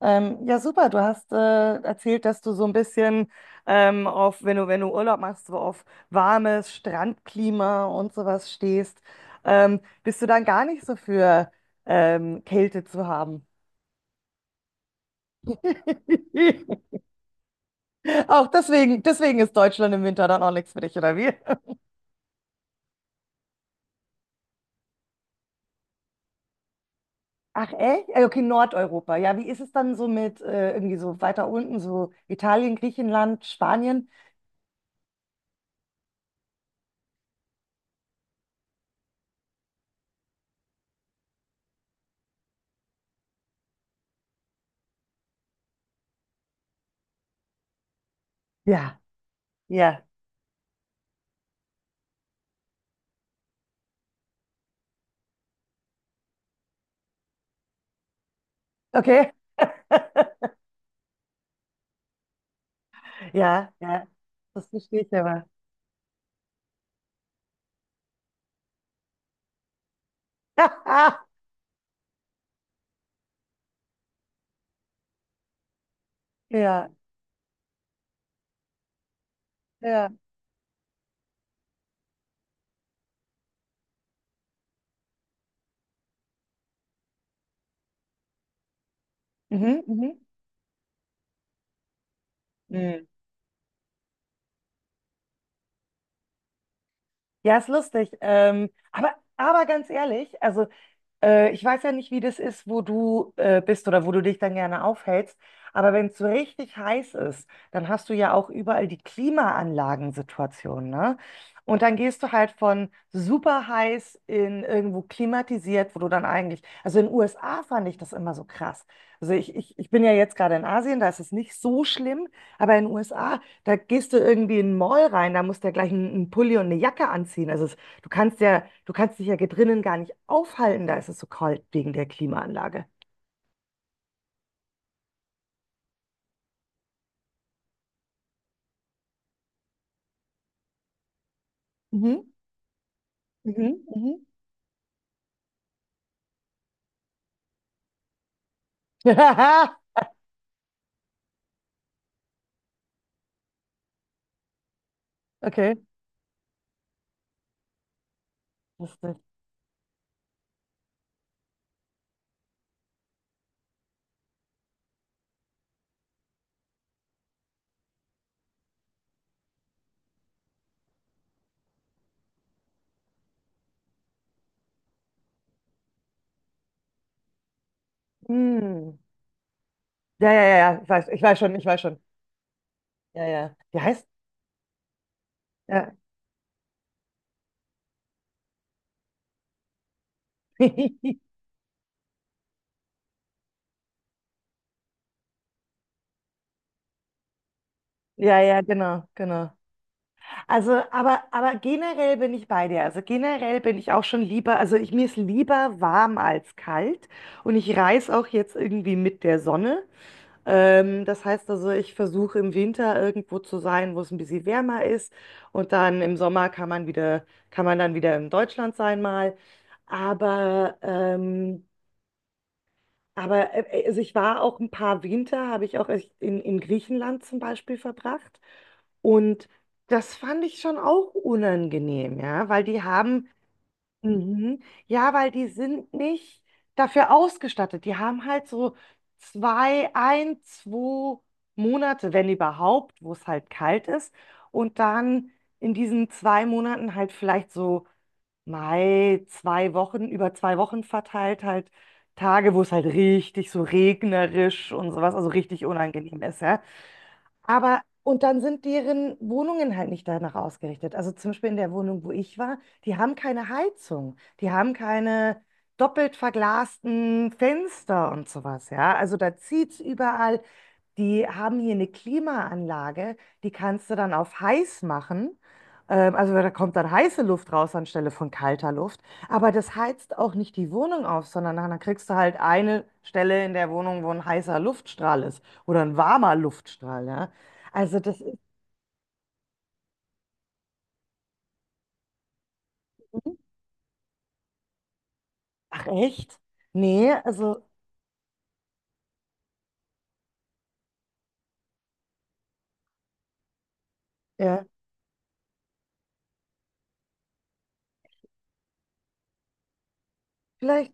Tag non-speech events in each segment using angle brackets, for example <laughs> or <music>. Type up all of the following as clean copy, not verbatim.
Ja, super. Du hast erzählt, dass du so ein bisschen auf, wenn du Urlaub machst, so auf warmes Strandklima und sowas stehst. Bist du dann gar nicht so für Kälte zu haben? <laughs> Auch deswegen ist Deutschland im Winter dann auch nichts für dich, oder wie? Ach, echt? Okay, Nordeuropa. Ja, wie ist es dann so mit irgendwie so weiter unten, so Italien, Griechenland, Spanien? Ja, ja. Okay. <laughs> Ja, ja. Das verstehe ich aber. <laughs> Ja, ja. Mhm, mhm. Mhm. Ja, ist lustig. Aber, ganz ehrlich, also ich weiß ja nicht, wie das ist, wo du bist oder wo du dich dann gerne aufhältst. Aber wenn es so richtig heiß ist, dann hast du ja auch überall die Klimaanlagensituation, ne? Und dann gehst du halt von super heiß in irgendwo klimatisiert, wo du dann eigentlich, also in den USA fand ich das immer so krass. Also ich bin ja jetzt gerade in Asien, da ist es nicht so schlimm, aber in den USA. Da gehst du irgendwie in den Mall rein, da musst du ja gleich einen Pulli und eine Jacke anziehen. Also es, du kannst dich ja drinnen gar nicht aufhalten, da ist es so kalt wegen der Klimaanlage. Mhm, mhm, mhm. <laughs> Okay. Lustig. Hm. Ja, ja, ja, ja, ich weiß schon, ich weiß schon. Ja, ja. Wie heißt? Ja. <laughs> Ja, ja, genau, genau. Also, aber generell bin ich bei dir. Also generell bin ich auch schon lieber, also mir ist lieber warm als kalt und ich reise auch jetzt irgendwie mit der Sonne. Das heißt also, ich versuche im Winter irgendwo zu sein, wo es ein bisschen wärmer ist. Und dann im Sommer kann man dann wieder in Deutschland sein mal. Aber, ähm, also ich war auch ein paar Winter, habe ich auch echt in Griechenland zum Beispiel verbracht. Und das fand ich schon auch unangenehm, ja, weil die haben. Mhm. Ja, weil die sind nicht dafür ausgestattet. Die haben halt so zwei, ein, zwei Monate, wenn überhaupt, wo es halt kalt ist. Und dann in diesen 2 Monaten halt vielleicht so Mai, 2 Wochen, über 2 Wochen verteilt, halt Tage, wo es halt richtig so regnerisch und sowas, also richtig unangenehm ist, ja. Aber, und dann sind deren Wohnungen halt nicht danach ausgerichtet. Also zum Beispiel in der Wohnung, wo ich war, die haben keine Heizung, die haben keine doppelt verglasten Fenster und sowas, ja. Also da zieht's überall. Die haben hier eine Klimaanlage, die kannst du dann auf heiß machen. Also da kommt dann heiße Luft raus anstelle von kalter Luft. Aber das heizt auch nicht die Wohnung auf, sondern dann kriegst du halt eine Stelle in der Wohnung, wo ein heißer Luftstrahl ist oder ein warmer Luftstrahl. Ja? Also das ist so. Ach echt? Nee, also ja, vielleicht.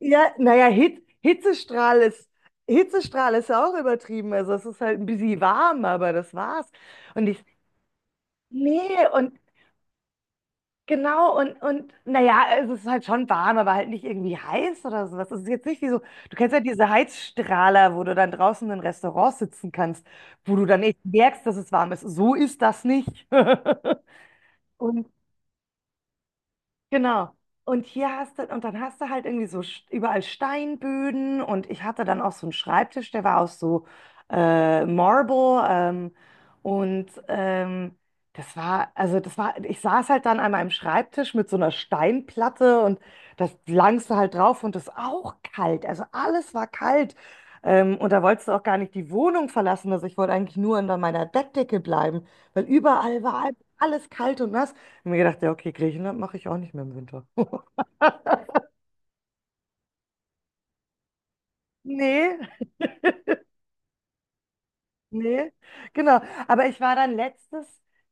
Ja, naja, Hitzestrahl ist. Hitzestrahl ist ja auch übertrieben. Also es ist halt ein bisschen warm, aber das war's. Und ich. Nee, und genau, und, naja, es ist halt schon warm, aber halt nicht irgendwie heiß oder sowas. Es ist jetzt nicht wie so, du kennst ja diese Heizstrahler, wo du dann draußen in Restaurants sitzen kannst, wo du dann echt merkst, dass es warm ist. So ist das nicht. <laughs> Und genau. Und hier hast du, und dann hast du halt irgendwie so überall Steinböden und ich hatte dann auch so einen Schreibtisch, der war aus so Marble, und das war, also das war, ich saß halt dann an meinem Schreibtisch mit so einer Steinplatte und das langste halt drauf und das auch kalt, also alles war kalt. Und da wolltest du auch gar nicht die Wohnung verlassen, also ich wollte eigentlich nur unter meiner Bettdecke bleiben, weil überall war halt alles kalt und nass. Und mir gedacht, ja, okay, Griechenland mache ich auch nicht mehr im Winter. <laughs> Nee, nee, genau. Aber ich war dann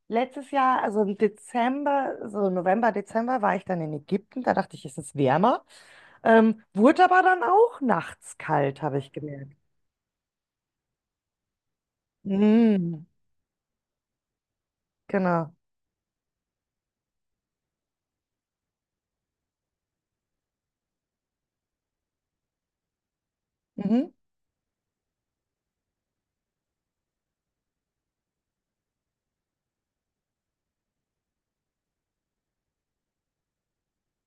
letztes Jahr, also im Dezember, so November, Dezember, war ich dann in Ägypten. Da dachte ich, es ist wärmer. Wurde aber dann auch nachts kalt, habe ich gemerkt. Mhm, genau. Mhm.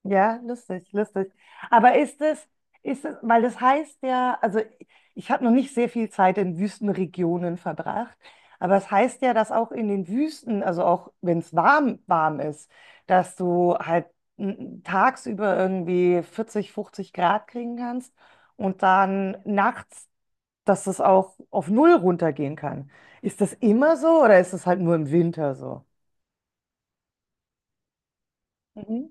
Ja, lustig, lustig. Aber ist es, weil das heißt ja, also ich habe noch nicht sehr viel Zeit in Wüstenregionen verbracht, aber es heißt ja, dass auch in den Wüsten, also auch wenn es warm, warm ist, dass du halt tagsüber irgendwie 40, 50 Grad kriegen kannst und dann nachts, dass es auch auf 0 runtergehen kann. Ist das immer so oder ist es halt nur im Winter so? Mhm.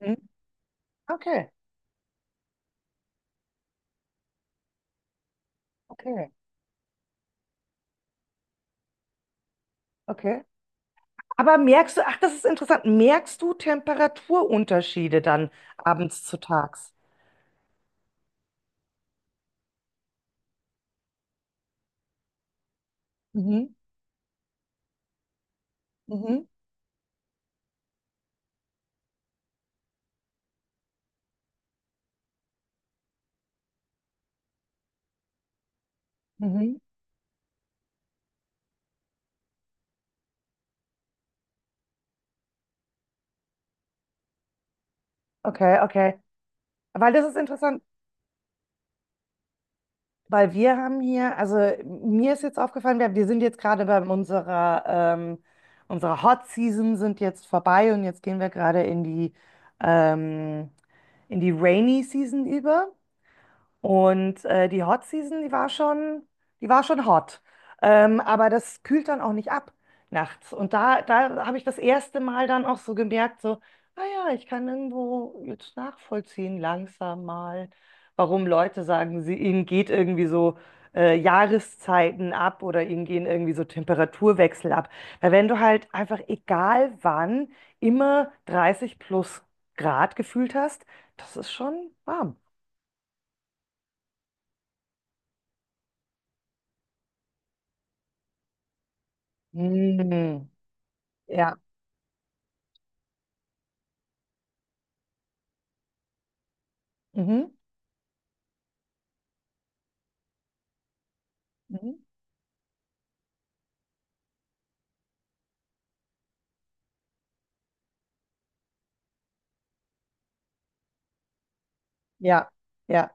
Mhm. Okay, okay, okay. Aber merkst du, ach, das ist interessant, merkst du Temperaturunterschiede dann abends zu tags? Mhm, mhm, mhm. Okay, okay. Weil das ist interessant, weil wir haben hier, also mir ist jetzt aufgefallen, wir sind jetzt gerade bei unserer Hot Season sind jetzt vorbei und jetzt gehen wir gerade in die, ähm, Rainy Season über. Und die Hot Season, die war schon hot. Aber das kühlt dann auch nicht ab nachts. Und da habe ich das erste Mal dann auch so gemerkt, so, ah ja, ich kann irgendwo jetzt nachvollziehen, langsam mal, warum Leute sagen, ihnen geht irgendwie so Jahreszeiten ab oder ihnen gehen irgendwie so Temperaturwechsel ab. Weil wenn du halt einfach egal wann immer 30 plus Grad gefühlt hast, das ist schon warm. Mm. Ja. Mhm. Mhm. Ja. Ja.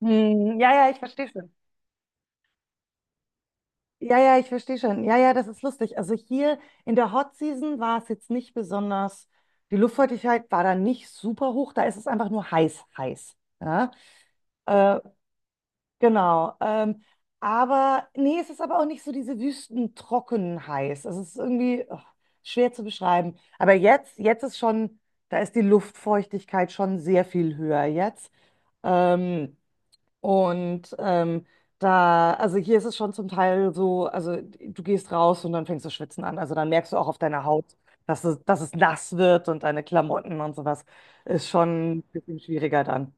Hm, ja, ja, ich verstehe schon. Ja, ja, ich verstehe schon. Ja, ja, das ist lustig. Also hier in der Hot Season war es jetzt nicht besonders, die Luftfeuchtigkeit war da nicht super hoch, da ist es einfach nur heiß, heiß. Ja, äh, genau. Aber nee, es ist aber auch nicht so diese wüstentrocken heiß. Es ist irgendwie ach, schwer zu beschreiben. Aber jetzt ist schon, da ist die Luftfeuchtigkeit schon sehr viel höher jetzt. Ähm, Und also hier ist es schon zum Teil so, also du gehst raus und dann fängst du schwitzen an. Also dann merkst du auch auf deiner Haut, dass es nass wird und deine Klamotten und sowas ist schon ein bisschen schwieriger dann.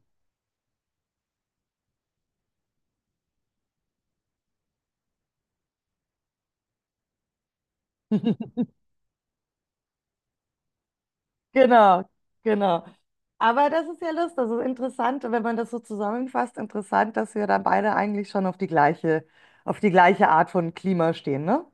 <laughs> Genau, genau. Aber das ist ja lustig, das ist interessant, wenn man das so zusammenfasst, interessant, dass wir da beide eigentlich schon auf die gleiche Art von Klima stehen, ne?